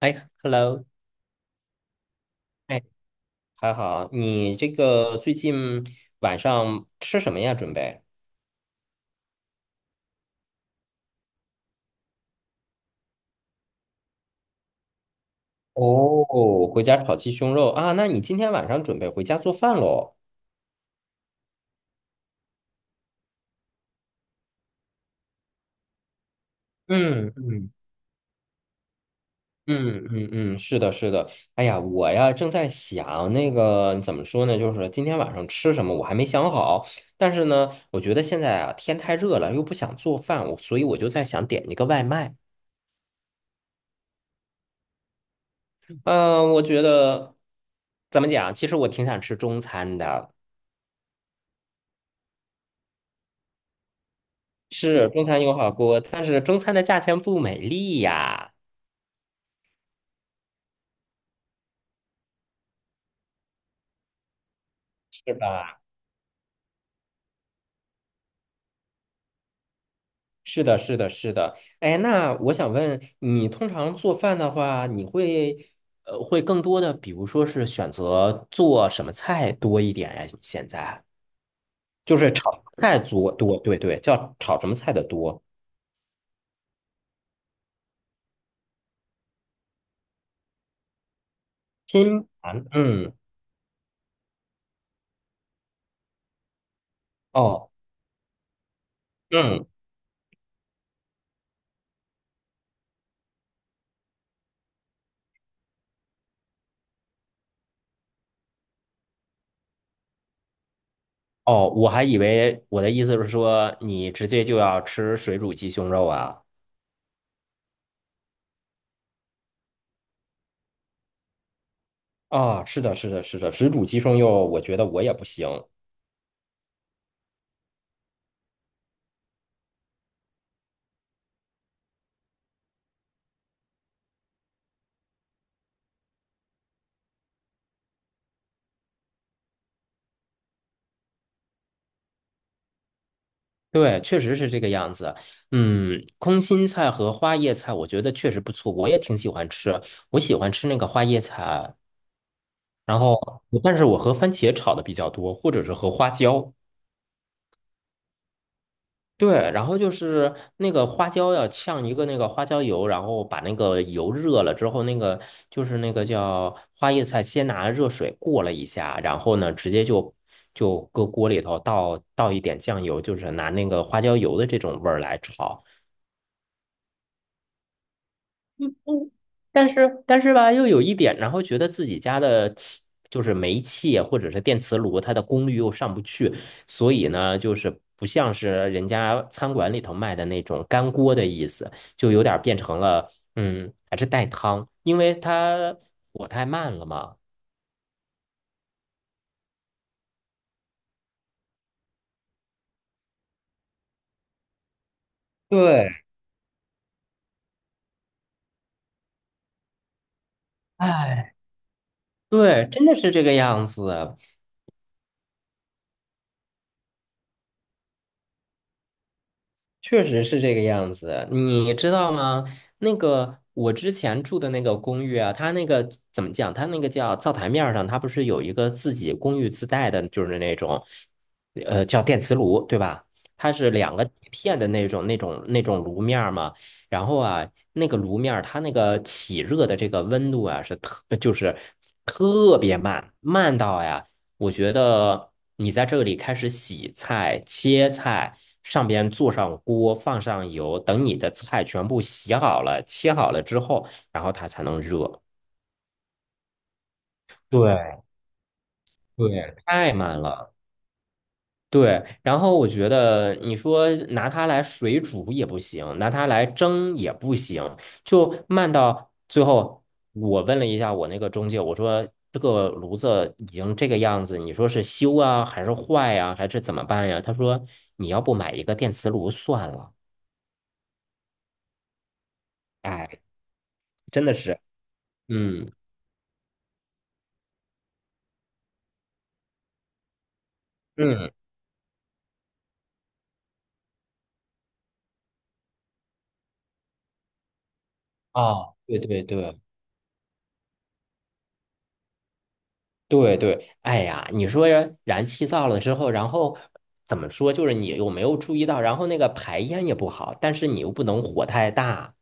哎，hello，哎，还好，你这个最近晚上吃什么呀？准备？哦，回家炒鸡胸肉啊？那你今天晚上准备回家做饭喽？嗯嗯嗯嗯嗯，是的，是的。哎呀，我呀正在想那个怎么说呢，就是今天晚上吃什么，我还没想好。但是呢，我觉得现在啊天太热了，又不想做饭，所以我就在想点一个外卖。嗯、我觉得怎么讲？其实我挺想吃中餐的。是中餐有好锅，但是中餐的价钱不美丽呀，是吧？是的，是的，是的。哎，那我想问你，通常做饭的话，你会更多的，比如说是选择做什么菜多一点呀？现在就是炒菜多多，对对，叫炒什么菜的多？拼盘，嗯，哦，嗯，哦，我还以为我的意思是说，你直接就要吃水煮鸡胸肉啊。啊，是的，是的，是的，水煮鸡胸肉，我觉得我也不行。对，确实是这个样子。嗯，空心菜和花叶菜，我觉得确实不错，我也挺喜欢吃。我喜欢吃那个花叶菜，然后，但是我和番茄炒的比较多，或者是和花椒。对，然后就是那个花椒要呛一个那个花椒油，然后把那个油热了之后，那个就是那个叫花椰菜，先拿热水过了一下，然后呢，直接就搁锅里头倒一点酱油，就是拿那个花椒油的这种味儿来炒，嗯，但是吧，又有一点，然后觉得自己家的气就是煤气啊或者是电磁炉，它的功率又上不去，所以呢，就是不像是人家餐馆里头卖的那种干锅的意思，就有点变成了还是带汤，因为它火太慢了嘛。对，哎，对，真的是这个样子。确实是这个样子，你知道吗？那个我之前住的那个公寓啊，它那个怎么讲？它那个叫灶台面儿上，它不是有一个自己公寓自带的，就是那种，叫电磁炉，对吧？它是两个铁片的那种炉面儿嘛。然后啊，那个炉面儿它那个起热的这个温度啊，是特就是特别慢，慢到呀。我觉得你在这里开始洗菜、切菜，上边做上锅，放上油，等你的菜全部洗好了、切好了之后，然后它才能热。对对，太慢了。对，然后我觉得你说拿它来水煮也不行，拿它来蒸也不行，就慢到最后。我问了一下我那个中介，我说这个炉子已经这个样子，你说是修啊，还是坏呀、还是怎么办呀？他说你要不买一个电磁炉算了。哎，真的是，嗯嗯，啊，对对对。对对，哎呀，你说燃气灶了之后，然后怎么说？就是你有没有注意到，然后那个排烟也不好，但是你又不能火太大。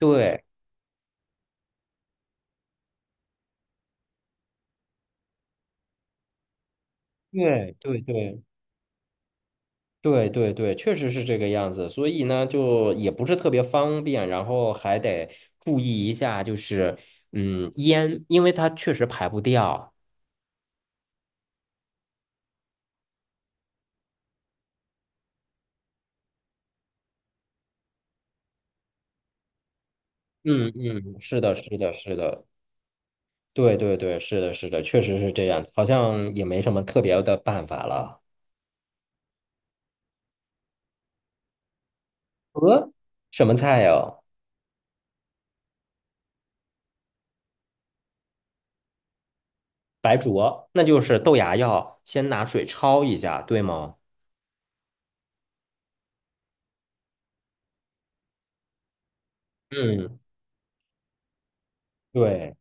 对对对对对对对，确实是这个样子。所以呢，就也不是特别方便，然后还得注意一下，就是烟，因为它确实排不掉。嗯嗯，是的，是的，是的，对对对，是的，是的，确实是这样，好像也没什么特别的办法了。呃，什么菜呀？白灼，那就是豆芽要先拿水焯一下，对吗？嗯，对，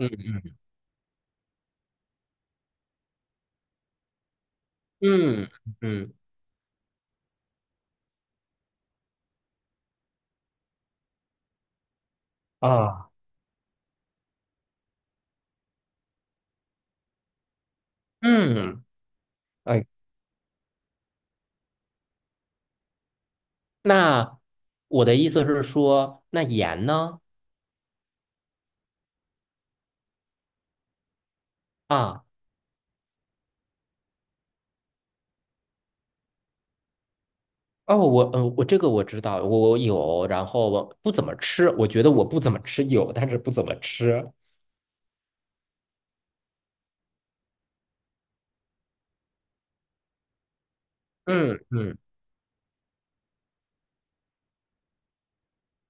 嗯嗯嗯啊，嗯，哎，那我的意思是说，那盐呢？啊，哦，我嗯，呃我这个我知道，我有，然后我不怎么吃，我觉得我不怎么吃有，但是不怎么吃。嗯嗯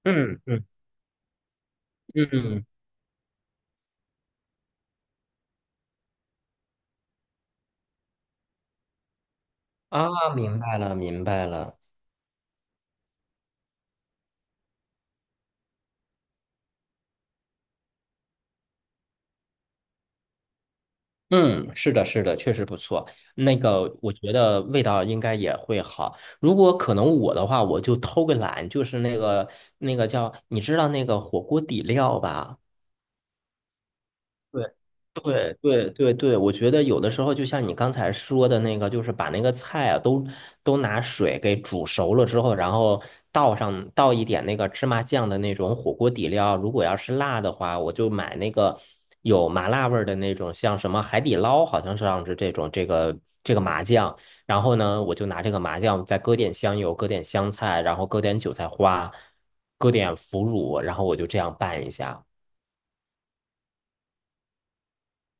嗯嗯嗯，啊，明白了，明白了。嗯，是的，是的，确实不错。那个，我觉得味道应该也会好。如果可能，我的话，我就偷个懒，就是那个叫，你知道那个火锅底料吧？对对对对对，我觉得有的时候就像你刚才说的那个，就是把那个菜啊都拿水给煮熟了之后，然后倒一点那个芝麻酱的那种火锅底料。如果要是辣的话，我就买那个有麻辣味儿的那种，像什么海底捞，好像是这种这个麻酱。然后呢，我就拿这个麻酱再搁点香油，搁点香菜，然后搁点韭菜花，搁点腐乳，然后我就这样拌一下。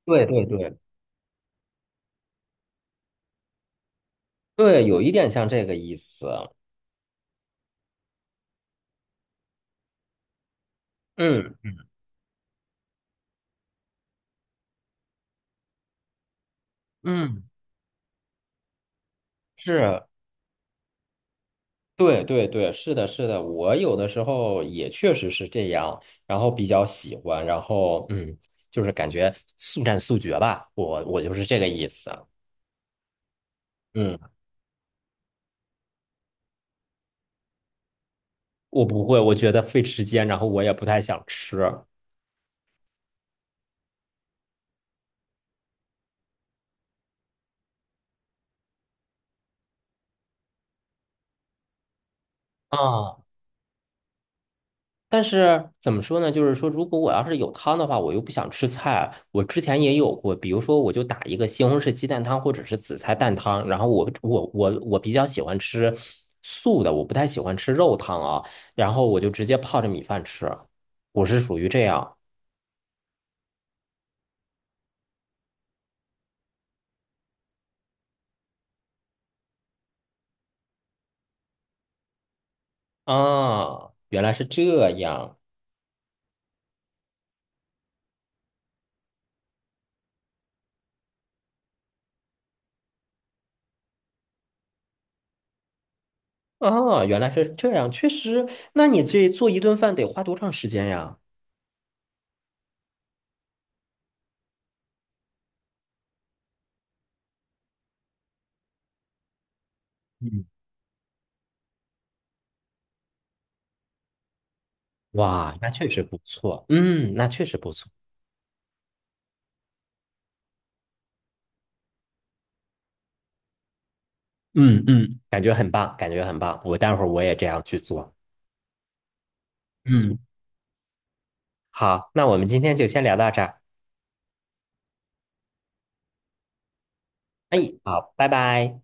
对对对对，有一点像这个意思。嗯嗯，是，对对对，是的，是的，我有的时候也确实是这样，然后比较喜欢，然后就是感觉速战速决吧，我就是这个意思。嗯，我不会，我觉得费时间，然后我也不太想吃。啊。但是怎么说呢？就是说，如果我要是有汤的话，我又不想吃菜。我之前也有过，比如说，我就打一个西红柿鸡蛋汤或者是紫菜蛋汤。然后我比较喜欢吃素的，我不太喜欢吃肉汤啊。然后我就直接泡着米饭吃，我是属于这样啊。原来是这样啊，原来是这样，确实。那你这做一顿饭得花多长时间呀？嗯，哇，那确实不错。嗯，那确实不错。嗯嗯感觉很棒，感觉很棒。我待会儿我也这样去做。嗯，好，那我们今天就先聊到这儿。哎，好，拜拜。